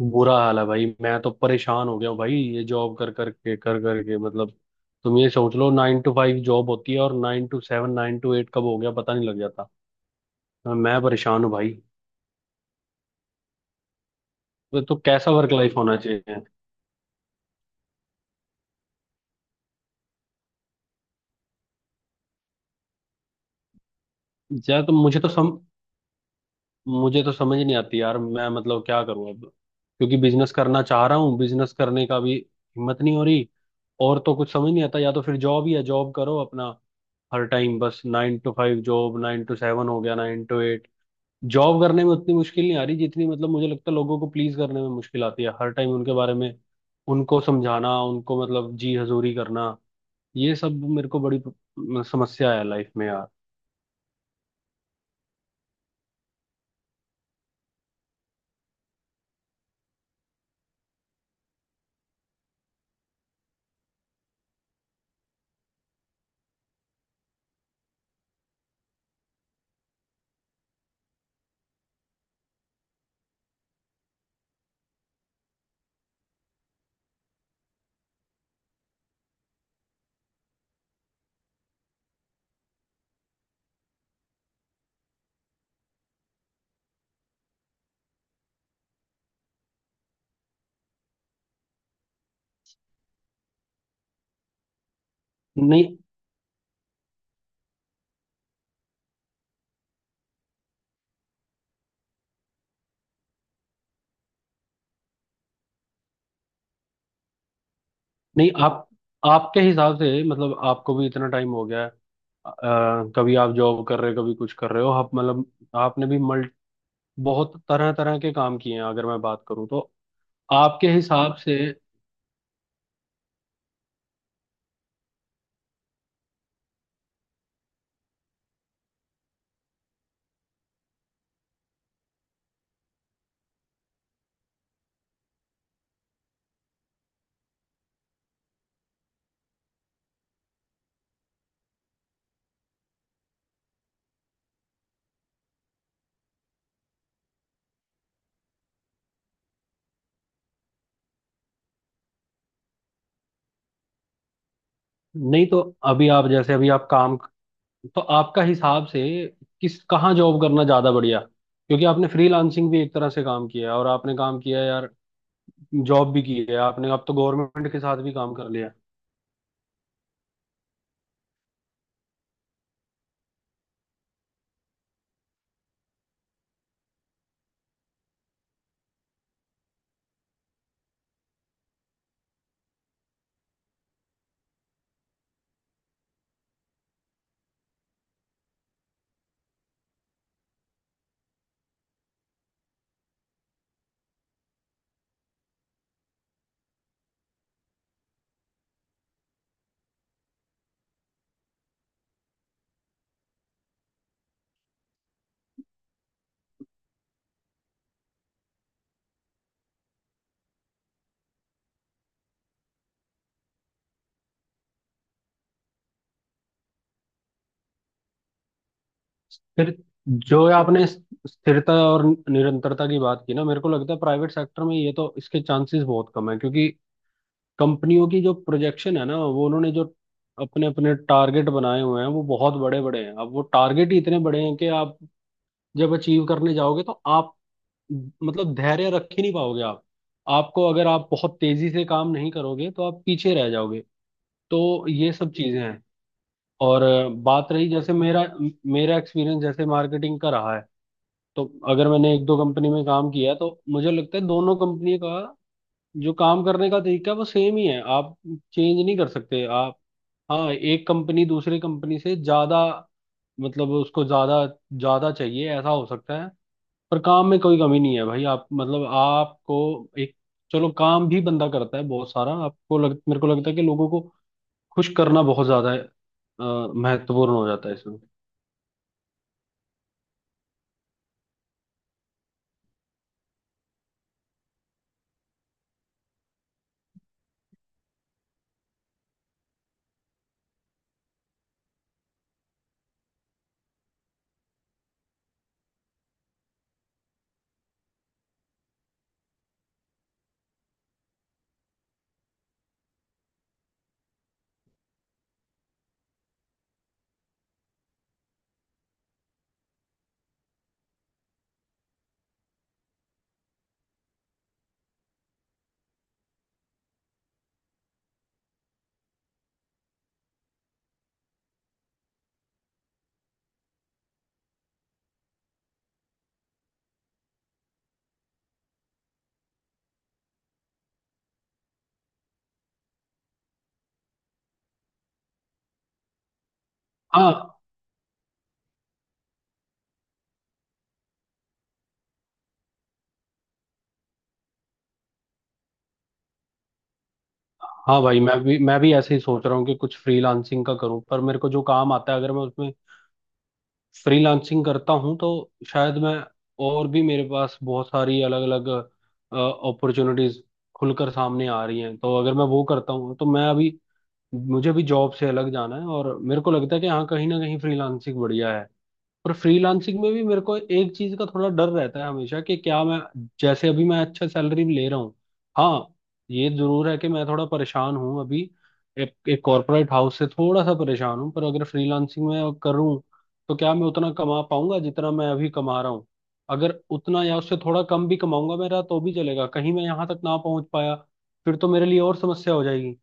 बुरा हाल है भाई। मैं तो परेशान हो गया हूँ भाई। ये जॉब कर कर के मतलब, तुम ये सोच लो नाइन टू फाइव जॉब होती है और nine to seven nine to eight कब हो गया पता नहीं लग जाता। हाँ, मैं परेशान हूँ भाई। तो कैसा वर्क लाइफ होना चाहिए। यार मुझे तो समझ नहीं आती यार। मैं मतलब क्या करूँ अब, क्योंकि बिजनेस करना चाह रहा हूँ, बिजनेस करने का भी हिम्मत नहीं हो रही। और तो कुछ समझ नहीं आता, या तो फिर जॉब ही है, जॉब करो अपना। हर टाइम बस nine to five job nine to seven हो गया नाइन टू एट। जॉब करने में उतनी मुश्किल नहीं आ रही जितनी, मतलब, मुझे लगता है लोगों को प्लीज करने में मुश्किल आती है, हर टाइम उनके बारे में, उनको समझाना, उनको मतलब जी हजूरी करना। ये सब मेरे को बड़ी समस्या है लाइफ में यार। नहीं। नहीं। आप आपके हिसाब से मतलब आपको भी इतना टाइम हो गया है। कभी आप जॉब कर रहे हो कभी कुछ कर रहे हो आप मतलब आपने भी मल्ट बहुत तरह तरह के काम किए हैं अगर मैं बात करूं तो आपके हिसाब से। नहीं तो, अभी आप जैसे अभी आप काम, तो आपका हिसाब से किस, कहाँ जॉब करना ज्यादा बढ़िया, क्योंकि आपने फ्रीलांसिंग भी एक तरह से काम किया है और आपने काम किया है यार, जॉब भी की है आपने, अब तो गवर्नमेंट के साथ भी काम कर लिया। फिर, जो आपने स्थिरता और निरंतरता की बात की ना, मेरे को लगता है प्राइवेट सेक्टर में ये, तो इसके चांसेस बहुत कम है, क्योंकि कंपनियों की जो प्रोजेक्शन है ना, वो उन्होंने जो अपने अपने टारगेट बनाए हुए हैं वो बहुत बड़े बड़े हैं। अब वो टारगेट ही इतने बड़े हैं कि आप जब अचीव करने जाओगे तो आप मतलब धैर्य रख ही नहीं पाओगे। आप, आपको अगर आप बहुत तेजी से काम नहीं करोगे तो आप पीछे रह जाओगे। तो ये सब चीजें हैं। और बात रही जैसे मेरा मेरा एक्सपीरियंस जैसे मार्केटिंग का रहा है, तो अगर मैंने एक दो कंपनी में काम किया है, तो मुझे लगता है दोनों कंपनी का जो काम करने का तरीका है वो सेम ही है। आप चेंज नहीं कर सकते। आप, हाँ, एक कंपनी दूसरी कंपनी से ज्यादा, मतलब, उसको ज्यादा ज्यादा चाहिए, ऐसा हो सकता है। पर काम में कोई कमी नहीं है भाई। आप मतलब आपको एक, चलो, काम भी बंदा करता है बहुत सारा, आपको लग, मेरे को लगता है कि लोगों को खुश करना बहुत ज्यादा महत्वपूर्ण हो जाता है इसमें। हाँ। हाँ भाई मैं भी ऐसे ही सोच रहा हूँ कि कुछ फ्रीलांसिंग का करूँ, पर मेरे को जो काम आता है अगर मैं उसमें फ्रीलांसिंग करता हूँ तो शायद मैं, और भी मेरे पास बहुत सारी अलग अलग अपॉर्चुनिटीज खुलकर सामने आ रही हैं, तो अगर मैं वो करता हूँ तो मैं अभी, मुझे भी जॉब से अलग जाना है और मेरे को लगता है कि हाँ कहीं ना कहीं फ्रीलांसिंग बढ़िया है। पर फ्रीलांसिंग में भी मेरे को एक चीज का थोड़ा डर रहता है हमेशा कि क्या मैं, जैसे अभी मैं अच्छा सैलरी ले रहा हूँ। हाँ, ये जरूर है कि मैं थोड़ा परेशान हूँ अभी, एक एक कॉर्पोरेट हाउस से थोड़ा सा परेशान हूँ, पर अगर फ्रीलांसिंग में करूँ तो क्या मैं उतना कमा पाऊंगा जितना मैं अभी कमा रहा हूँ। अगर उतना या उससे थोड़ा कम भी कमाऊंगा मेरा तो भी चलेगा। कहीं मैं यहाँ तक ना पहुंच पाया फिर तो मेरे लिए और समस्या हो जाएगी।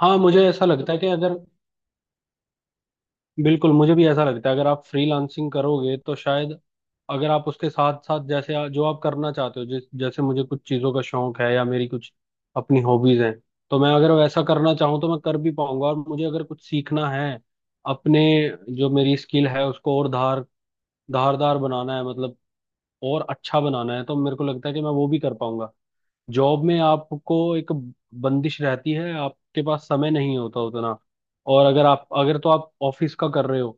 हाँ मुझे ऐसा लगता है कि अगर, बिल्कुल मुझे भी ऐसा लगता है, अगर आप फ्रीलांसिंग करोगे तो शायद, अगर आप उसके साथ साथ, जैसे जो आप करना चाहते हो, जिस, जैसे मुझे कुछ चीज़ों का शौक है या मेरी कुछ अपनी हॉबीज हैं, तो मैं अगर वैसा करना चाहूँ तो मैं कर भी पाऊंगा। और मुझे अगर कुछ सीखना है अपने जो मेरी स्किल है उसको और धारदार बनाना है, मतलब और अच्छा बनाना है, तो मेरे को लगता है कि मैं वो भी कर पाऊंगा। जॉब में आपको एक बंदिश रहती है, आपके पास समय नहीं होता उतना। और अगर आप, अगर तो आप ऑफिस का कर रहे हो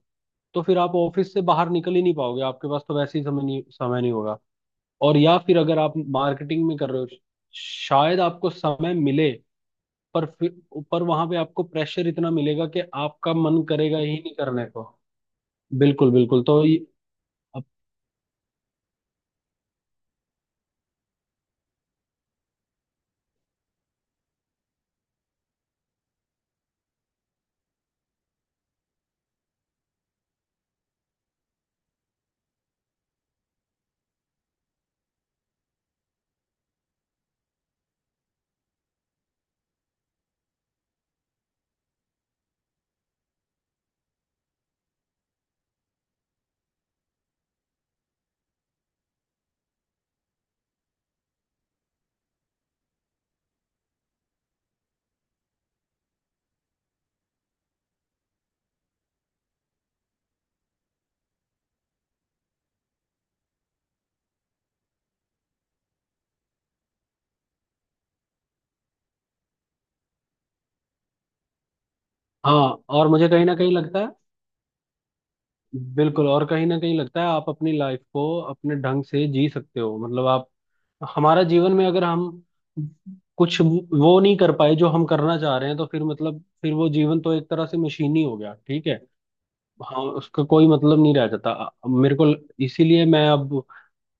तो फिर आप ऑफिस से बाहर निकल ही नहीं पाओगे, आपके पास तो वैसे ही समय नहीं होगा। और या फिर अगर आप मार्केटिंग में कर रहे हो शायद आपको समय मिले, पर फिर, पर वहां पे आपको प्रेशर इतना मिलेगा कि आपका मन करेगा ही नहीं करने को। बिल्कुल बिल्कुल, हाँ, और मुझे कहीं ना कहीं लगता है, बिल्कुल, और कहीं ना कहीं लगता है आप अपनी लाइफ को अपने ढंग से जी सकते हो। मतलब आप, हमारा जीवन में अगर हम कुछ वो नहीं कर पाए जो हम करना चाह रहे हैं, तो फिर मतलब फिर वो जीवन तो एक तरह से मशीनी हो गया। ठीक है। हाँ, उसका कोई मतलब नहीं रह जाता। मेरे को इसीलिए मैं अब,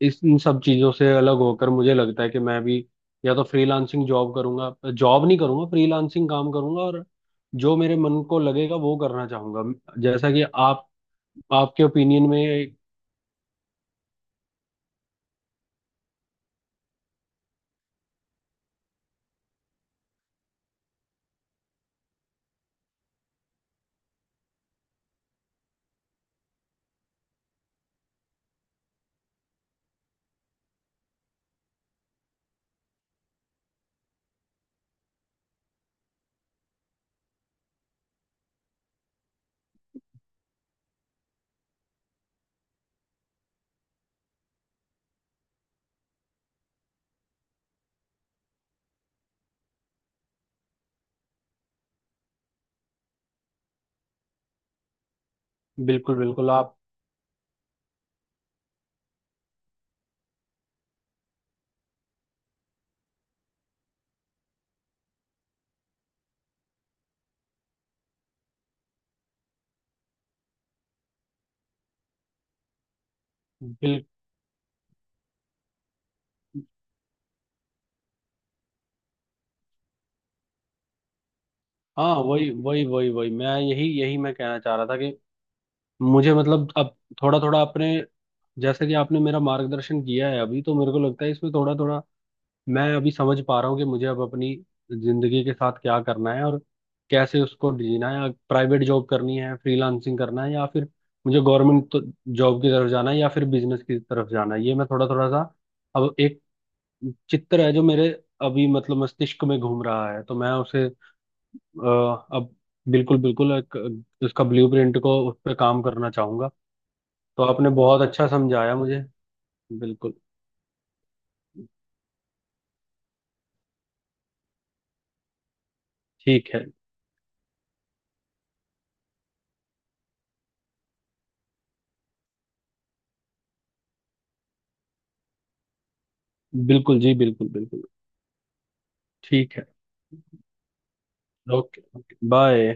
इस, इन सब चीजों से अलग होकर, मुझे लगता है कि मैं भी या तो फ्रीलांसिंग जॉब करूंगा, जॉब नहीं करूंगा फ्रीलांसिंग काम करूंगा, और जो मेरे मन को लगेगा वो करना चाहूंगा। जैसा कि आप, आपके ओपिनियन में। बिल्कुल बिल्कुल आप, बिल हाँ, वही वही वही वही, मैं यही यही मैं कहना चाह रहा था कि मुझे, मतलब, अब थोड़ा थोड़ा अपने, जैसे कि आपने मेरा मार्गदर्शन किया है अभी, तो मेरे को लगता है इसमें थोड़ा थोड़ा मैं अभी समझ पा रहा हूँ कि मुझे अब अपनी जिंदगी के साथ क्या करना है और कैसे उसको जीना है। प्राइवेट जॉब करनी है, फ्रीलांसिंग करना है या फिर मुझे गवर्नमेंट तो जॉब की तरफ जाना है या फिर बिजनेस की तरफ जाना है, ये मैं थोड़ा थोड़ा सा अब, एक चित्र है जो मेरे अभी, मतलब, मस्तिष्क में घूम रहा है, तो मैं उसे अब, बिल्कुल बिल्कुल एक, उसका ब्लूप्रिंट को, उस पर काम करना चाहूंगा। तो आपने बहुत अच्छा समझाया मुझे। बिल्कुल। ठीक है। बिल्कुल जी, बिल्कुल बिल्कुल। ठीक है। ओके। बाय।